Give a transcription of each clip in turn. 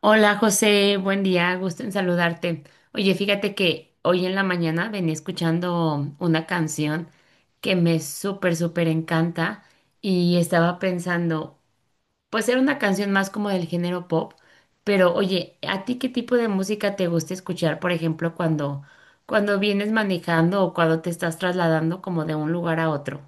Hola José, buen día, gusto en saludarte. Oye, fíjate que hoy en la mañana venía escuchando una canción que me súper, súper encanta y estaba pensando, pues era una canción más como del género pop, pero oye, ¿a ti qué tipo de música te gusta escuchar, por ejemplo, cuando vienes manejando o cuando te estás trasladando como de un lugar a otro?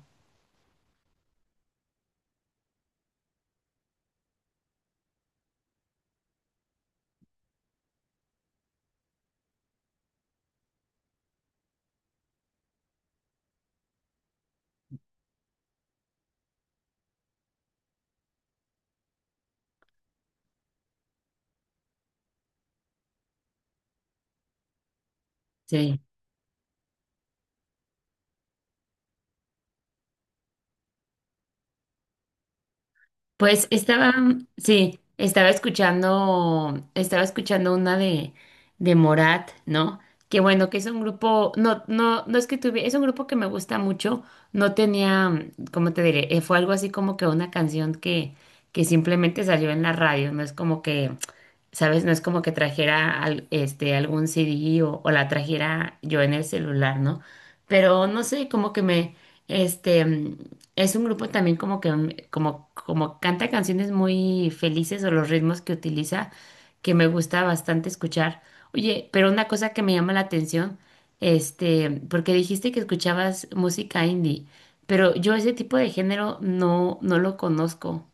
Sí. Pues estaba, sí, estaba escuchando una de Morat, ¿no? Que bueno, que es un grupo, no, no, no es que tuve, es un grupo que me gusta mucho, no tenía, ¿cómo te diré? Fue algo así como que una canción que simplemente salió en la radio, no es como que, ¿sabes? No es como que trajera algún CD o la trajera yo en el celular, ¿no? Pero no sé, como que me, este... Es un grupo también como que como canta canciones muy felices o los ritmos que utiliza que me gusta bastante escuchar. Oye, pero una cosa que me llama la atención, porque dijiste que escuchabas música indie, pero yo ese tipo de género no, no lo conozco.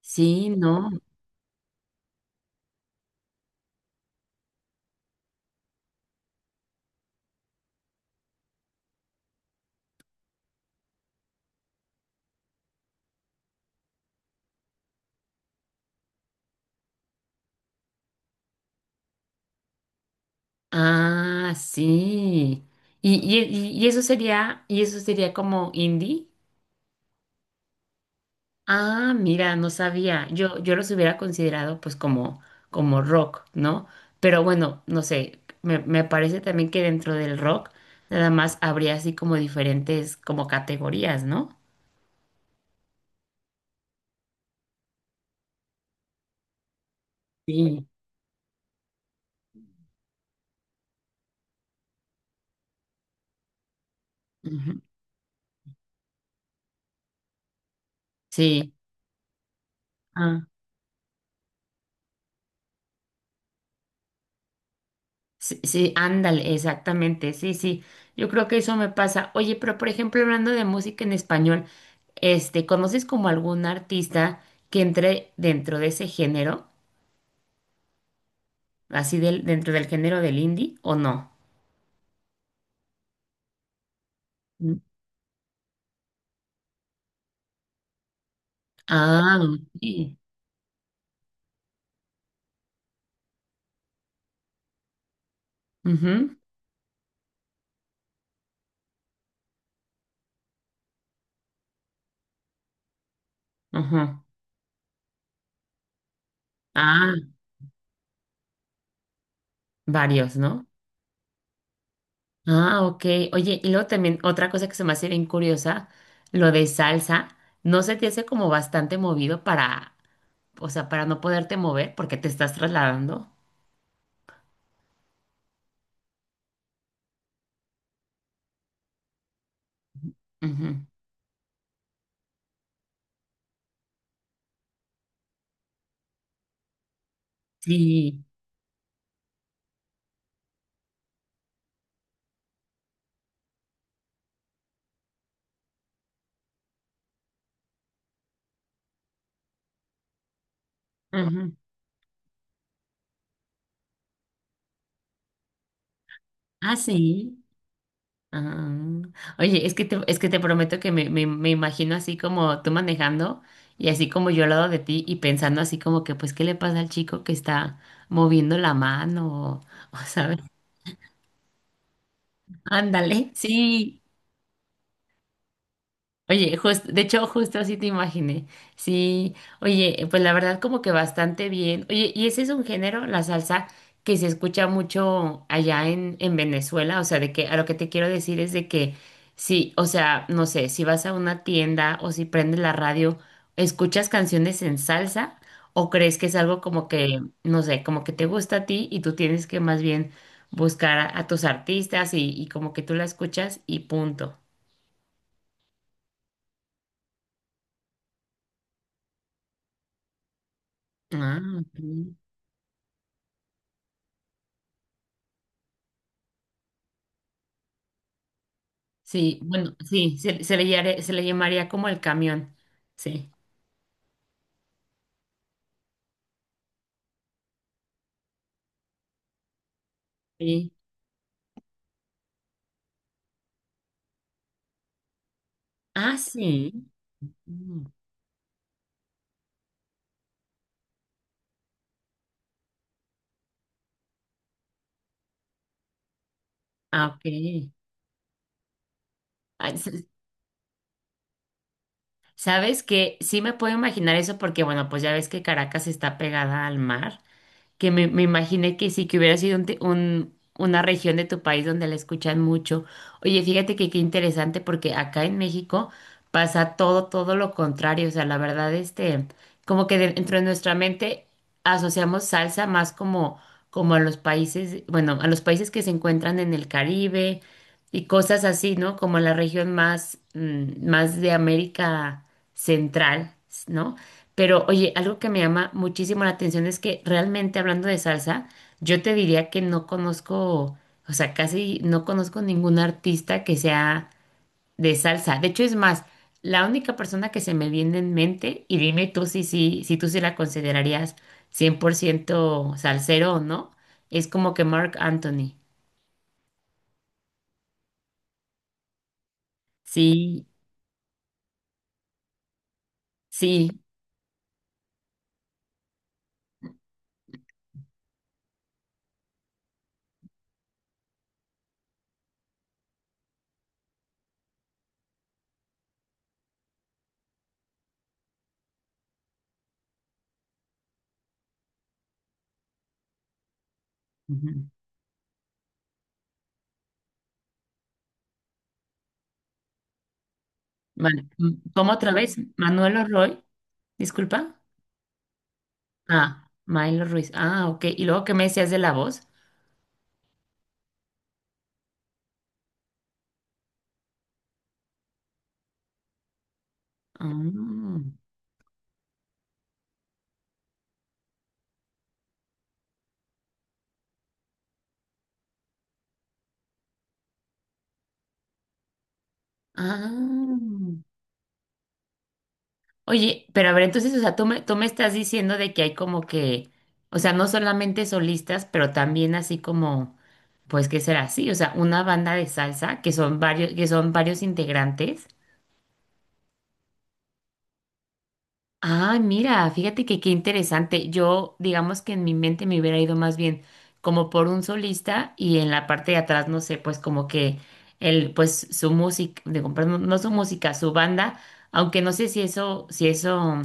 Sí, no. Ah, sí. Y eso sería como indie. Ah, mira, no sabía. Yo los hubiera considerado pues como rock, ¿no? Pero bueno, no sé, me parece también que dentro del rock nada más habría así como diferentes como categorías, ¿no? Sí. Ujú. Sí, ah, sí, sí, ándale, exactamente, sí, sí. Yo creo que eso me pasa. Oye, pero por ejemplo, hablando de música en español, ¿conoces como algún artista que entre dentro de ese género, dentro del género del indie o no? Mm. Ah, ok. Ujú, ujú. Ah, varios, ¿no? Ah, ok. Oye, y luego también otra cosa que se me hace bien curiosa, lo de salsa, ¿no se te hace como bastante movido para, o sea, para no poderte mover porque te estás trasladando? Ujú. Sí. Ujú. Ah, sí. Ah. Oye, es que te prometo que me imagino así como tú manejando y así como yo al lado de ti y pensando así como que pues qué le pasa al chico que está moviendo la mano o, sabes, ándale, sí, Oye, justo, de hecho, justo así te imaginé. Sí, oye, pues la verdad como que bastante bien. Oye, ¿y ese es un género, la salsa, que se escucha mucho allá en Venezuela? O sea, de que a lo que te quiero decir es de que sí, o sea, no sé, si vas a una tienda o si prendes la radio, ¿escuchas canciones en salsa? ¿O crees que es algo como que, no sé, como que te gusta a ti y tú tienes que más bien buscar a tus artistas y como que tú la escuchas y punto? Ah, ok. Sí, bueno, sí, se le llamaría como el camión. Sí. Sí. Ah, sí. Mm, ah, ok. Ah. ¿Sabes que sí me puedo imaginar eso porque, bueno, pues ya ves que Caracas está pegada al mar? Que me imaginé que sí, que hubiera sido una región de tu país donde la escuchan mucho. Oye, fíjate que qué interesante porque acá en México pasa todo lo contrario. O sea, la verdad, como que dentro de nuestra mente asociamos salsa más como a los países, bueno, a los países que se encuentran en el Caribe y cosas así, ¿no? Como la región más de América Central, ¿no? Pero oye, algo que me llama muchísimo la atención es que realmente hablando de salsa, yo te diría que no conozco, o sea, casi no conozco ningún artista que sea de salsa. De hecho, es más, la única persona que se me viene en mente, y dime tú si, tú sí la considerarías 100% salsero o no, es como que Mark Anthony. Sí, sí. Ujú. Vale. ¿Cómo otra vez? Manuel Roy, disculpa. Ah, Milo Ruiz. Ah, ok. ¿Y luego qué me decías de la voz? Ah, ah. Oye, pero a ver, entonces, o sea, tú me estás diciendo de que hay como que, o sea, no solamente solistas, pero también así como, pues, ¿qué será así? O sea, una banda de salsa que son varios integrantes. Ah, mira, fíjate que qué interesante. Yo, digamos que en mi mente me hubiera ido más bien como por un solista y en la parte de atrás, no sé, pues como que pues su música, digo, perdón, no no su música, su banda, aunque no sé si eso,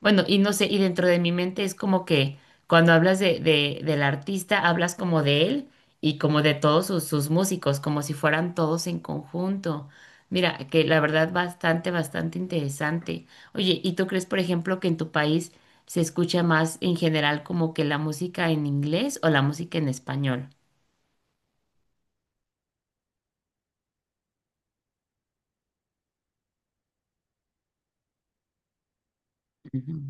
bueno, y no sé, y dentro de mi mente es como que cuando hablas del artista, hablas como de él y como de todos sus músicos, como si fueran todos en conjunto. Mira, que la verdad bastante, bastante interesante. Oye, ¿y tú crees, por ejemplo, que en tu país se escucha más en general como que la música en inglés o la música en español? Ujú.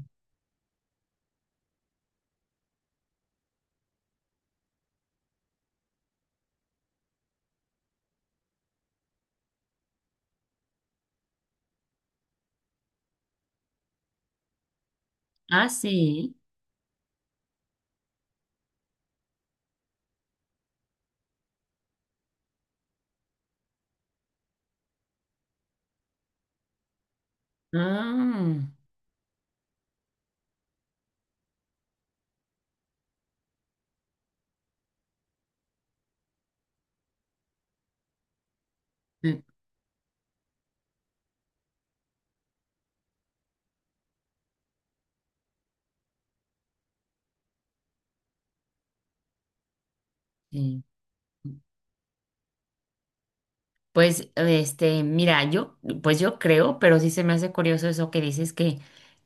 Ah, sí. Ah, mm, sí. Pues, mira, pues yo creo, pero sí se me hace curioso eso que dices que,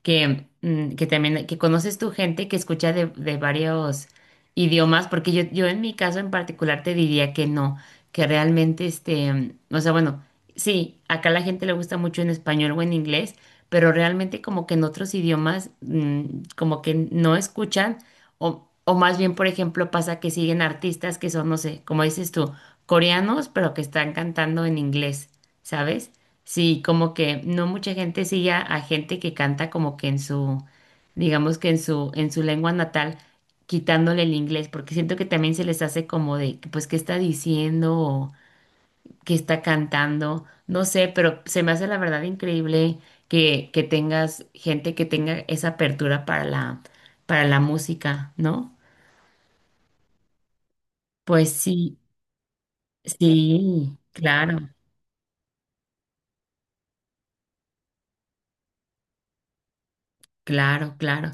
que, mm, que también, que conoces tu gente que escucha de varios idiomas, porque yo en mi caso en particular te diría que no, que realmente, o sea, bueno, sí, acá la gente le gusta mucho en español o en inglés, pero realmente como que en otros idiomas, como que no escuchan, o más bien, por ejemplo, pasa que siguen artistas que son, no sé, como dices tú coreanos, pero que están cantando en inglés, ¿sabes? Sí, como que no mucha gente sigue a gente que canta como que en su, digamos que en su lengua natal, quitándole el inglés, porque siento que también se les hace como de, que, pues, ¿qué está diciendo? ¿O qué está cantando? No sé, pero se me hace la verdad increíble que tengas gente que tenga esa apertura para la música, ¿no? Pues sí, sí, claro. Claro, claro.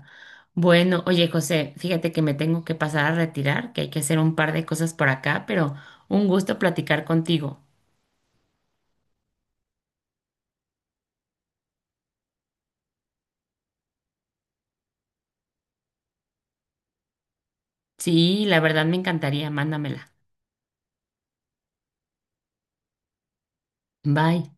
Bueno, oye, José, fíjate que me tengo que pasar a retirar, que hay que hacer un par de cosas por acá, pero un gusto platicar contigo. Sí, la verdad me encantaría, mándamela. Bye.